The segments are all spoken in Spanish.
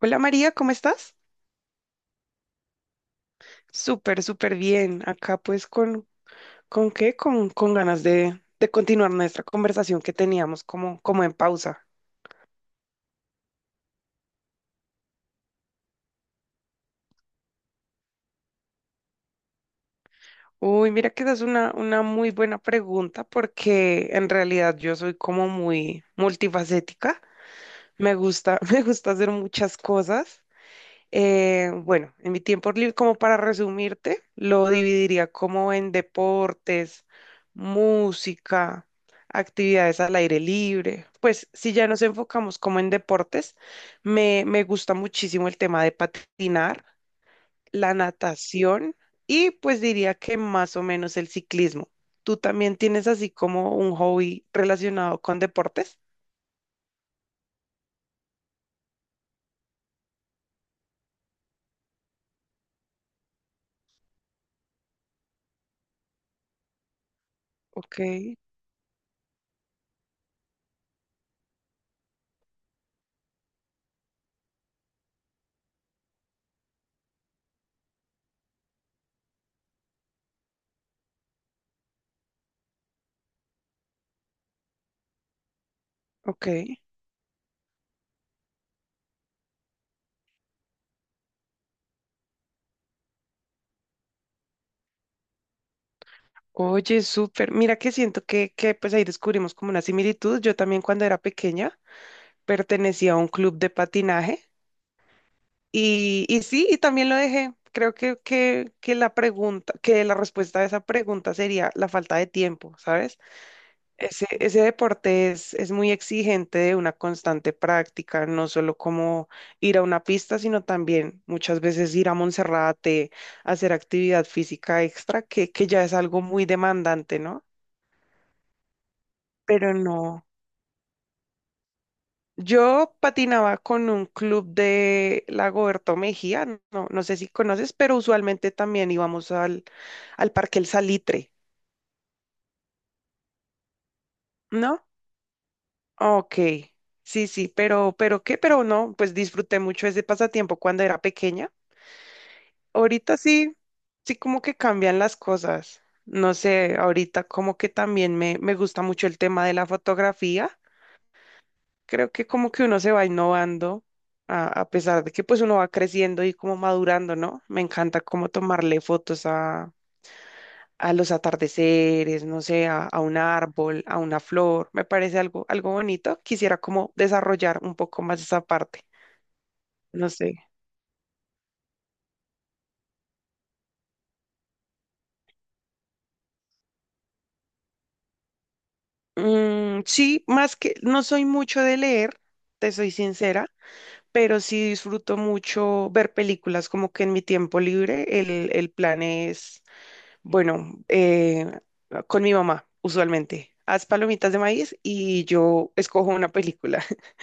Hola María, ¿cómo estás? Súper, súper bien. Acá pues con ganas de continuar nuestra conversación que teníamos como, como en pausa. Uy, mira que esa es una muy buena pregunta porque en realidad yo soy como muy multifacética. Me gusta, me gusta hacer muchas cosas. Bueno, en mi tiempo libre, como para resumirte, lo dividiría como en deportes, música, actividades al aire libre. Pues si ya nos enfocamos como en deportes, me gusta muchísimo el tema de patinar, la natación y pues diría que más o menos el ciclismo. ¿Tú también tienes así como un hobby relacionado con deportes? Ok, ok. Oye, súper. Mira que siento que pues ahí descubrimos como una similitud. Yo también cuando era pequeña pertenecía a un club de patinaje y sí, y también lo dejé. Creo que la respuesta a esa pregunta sería la falta de tiempo, ¿sabes? Ese deporte es muy exigente de una constante práctica, no solo como ir a una pista, sino también muchas veces ir a Monserrate, hacer actividad física extra, que ya es algo muy demandante, ¿no? Pero no. Yo patinaba con un club de Lagoberto Mejía, no, no sé si conoces, pero usualmente también íbamos al Parque El Salitre, ¿no? Ok, sí, sí, pero no, pues disfruté mucho ese pasatiempo cuando era pequeña. Ahorita sí, sí como que cambian las cosas. No sé, ahorita como que también me gusta mucho el tema de la fotografía. Creo que como que uno se va innovando a pesar de que pues uno va creciendo y como madurando, ¿no? Me encanta como tomarle fotos a los atardeceres, no sé, a un árbol, a una flor, me parece algo, algo bonito. Quisiera como desarrollar un poco más esa parte, no sé. Sí, más que no soy mucho de leer, te soy sincera, pero sí disfruto mucho ver películas, como que en mi tiempo libre el plan es Bueno, eh, con mi mamá, usualmente. Haz palomitas de maíz y yo escojo una película,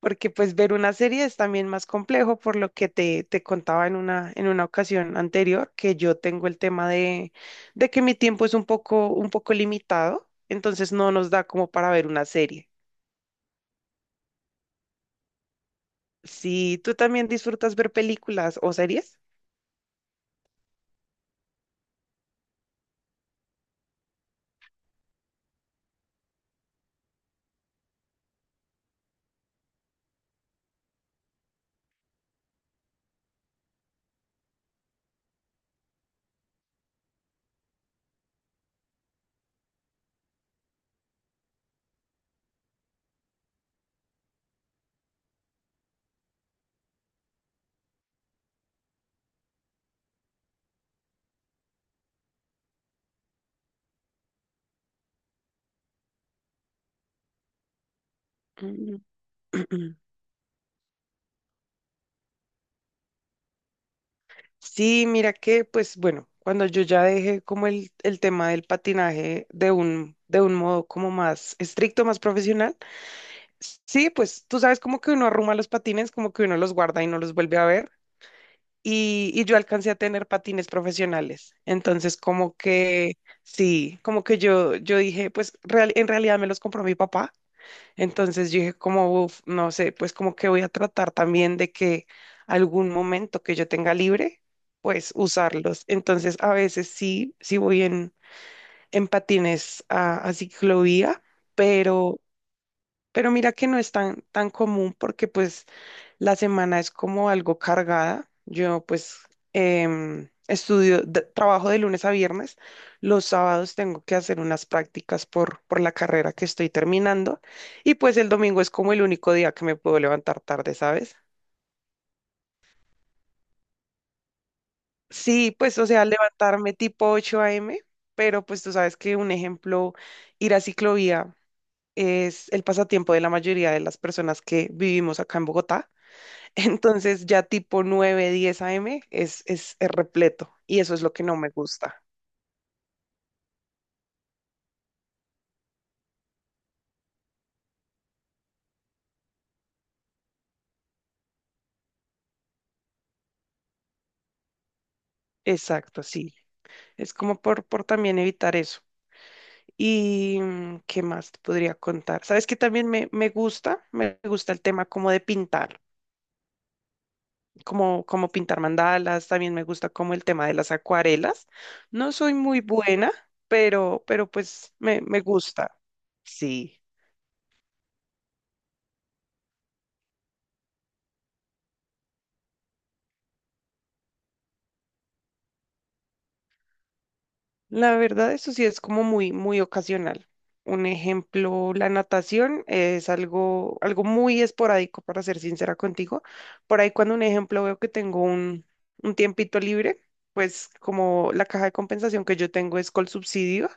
porque pues ver una serie es también más complejo, por lo que te contaba en una ocasión anterior, que yo tengo el tema de que mi tiempo es un poco limitado, entonces no nos da como para ver una serie. Si tú también disfrutas ver películas o series. Mm. Sí, mira que, pues bueno, cuando yo ya dejé como el tema del patinaje de un modo como más estricto, más profesional, sí, pues tú sabes como que uno arruma los patines, como que uno los guarda y no los vuelve a ver. Y yo alcancé a tener patines profesionales. Entonces, como que, sí, como que yo dije, en realidad me los compró mi papá. Entonces yo dije como, "Uf, no sé, pues como que voy a tratar también de que algún momento que yo tenga libre, pues usarlos. Entonces a veces sí, sí voy en patines a ciclovía, pero, pero mira que no es tan, tan común porque pues la semana es como algo cargada. Yo pues estudio, trabajo de lunes a viernes. Los sábados tengo que hacer unas prácticas por la carrera que estoy terminando. Y pues el domingo es como el único día que me puedo levantar tarde, ¿sabes? Sí, pues o sea, levantarme tipo ocho a m, pero pues tú sabes que un ejemplo, ir a ciclovía es el pasatiempo de la mayoría de las personas que vivimos acá en Bogotá. Entonces ya tipo nueve diez a m es repleto y eso es lo que no me gusta. Exacto, sí. Es como por también evitar eso. ¿Y qué más te podría contar? ¿Sabes que también me gusta? Me gusta el tema como de pintar. Como, como pintar mandalas, también me gusta como el tema de las acuarelas. No soy muy buena, pero pues me gusta. Sí, la verdad eso sí es como muy, muy ocasional. Un ejemplo, la natación es algo, algo muy esporádico, para ser sincera contigo. Por ahí cuando un ejemplo veo que tengo un tiempito libre, pues como la caja de compensación que yo tengo es Colsubsidio.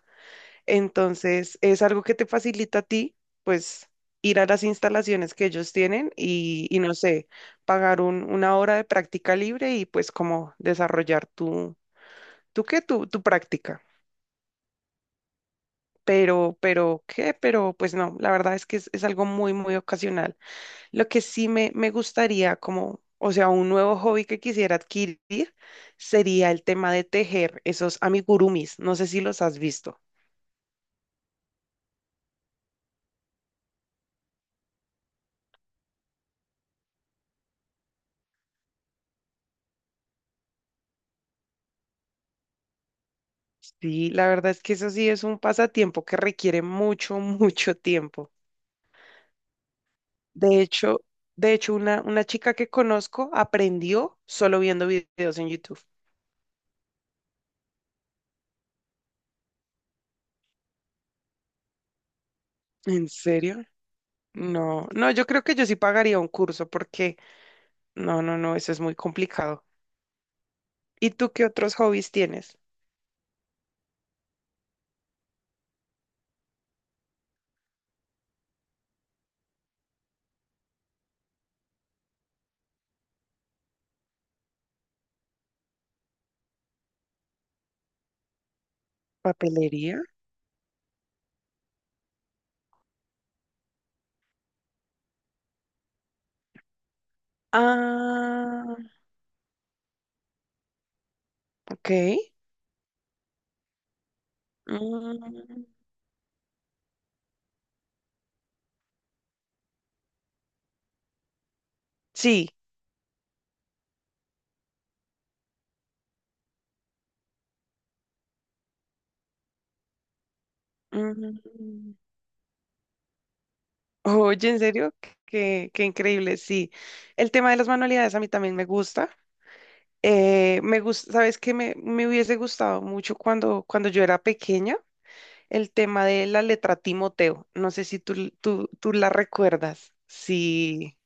Entonces, es algo que te facilita a ti, pues, ir a las instalaciones que ellos tienen y no sé, pagar una hora de práctica libre y pues como desarrollar tu, tu práctica. Pues no, la verdad es que es algo muy, muy ocasional. Lo que sí me gustaría como, o sea, un nuevo hobby que quisiera adquirir sería el tema de tejer esos amigurumis. No sé si los has visto. Sí, la verdad es que eso sí es un pasatiempo que requiere mucho, mucho tiempo. De hecho, de hecho, una chica que conozco aprendió solo viendo videos en YouTube. ¿En serio? No, no, yo creo que yo sí pagaría un curso porque no, no, no, eso es muy complicado. ¿Y tú qué otros hobbies tienes? ¿Papelería? Ah, ok. Mm, sí. Mm. Oye, en serio, qué, qué increíble. Sí, el tema de las manualidades a mí también me gusta. Me gusta, sabes que me hubiese gustado mucho cuando, cuando yo era pequeña, el tema de la letra Timoteo. No sé si tú la recuerdas. Sí.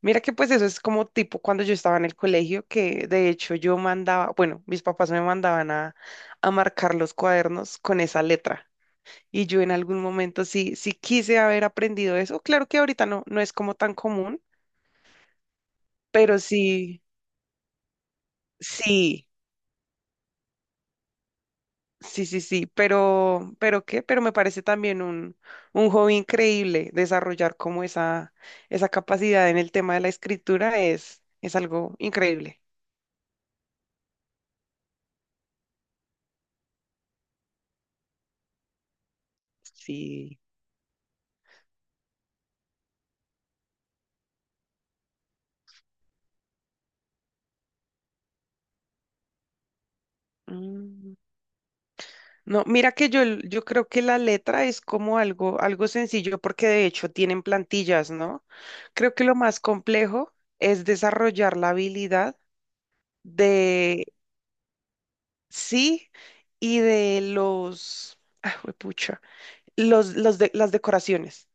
Mira que pues eso es como tipo cuando yo estaba en el colegio, que de hecho yo mandaba, bueno, mis papás me mandaban a marcar los cuadernos con esa letra. Y yo en algún momento sí, sí quise haber aprendido eso. Claro que ahorita no, no es como tan común, pero sí, sí, sí, sí, sí. Pero me parece también un hobby increíble desarrollar como esa capacidad en el tema de la escritura es algo increíble. Sí. Mm. No, mira que yo creo que la letra es como algo, algo sencillo porque de hecho tienen plantillas, ¿no? Creo que lo más complejo es desarrollar la habilidad de sí y de los, ah, juepucha, los las decoraciones.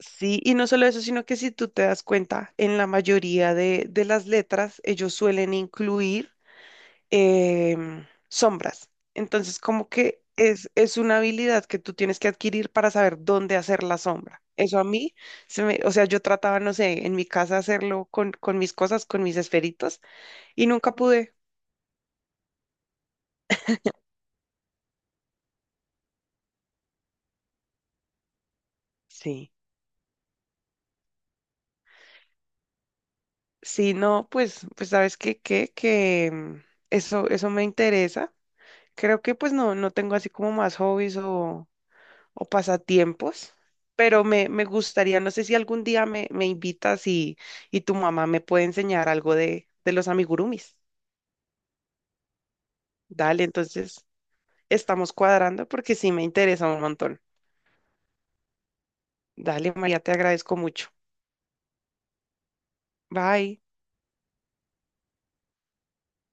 Sí, y no solo eso, sino que si tú te das cuenta, en la mayoría de las letras ellos suelen incluir sombras. Entonces, como que es una habilidad que tú tienes que adquirir para saber dónde hacer la sombra. Eso a mí, se me, o sea, yo trataba, no sé, en mi casa hacerlo con mis cosas, con mis esferitos, y nunca pude. Sí. Sí, no, pues, pues sabes qué, qué, que eso, eso me interesa. Creo que pues no, no tengo así como más hobbies o pasatiempos, pero me gustaría, no sé si algún día me invitas y tu mamá me puede enseñar algo de los amigurumis. Dale, entonces estamos cuadrando porque sí me interesa un montón. Dale, María, te agradezco mucho. Bye.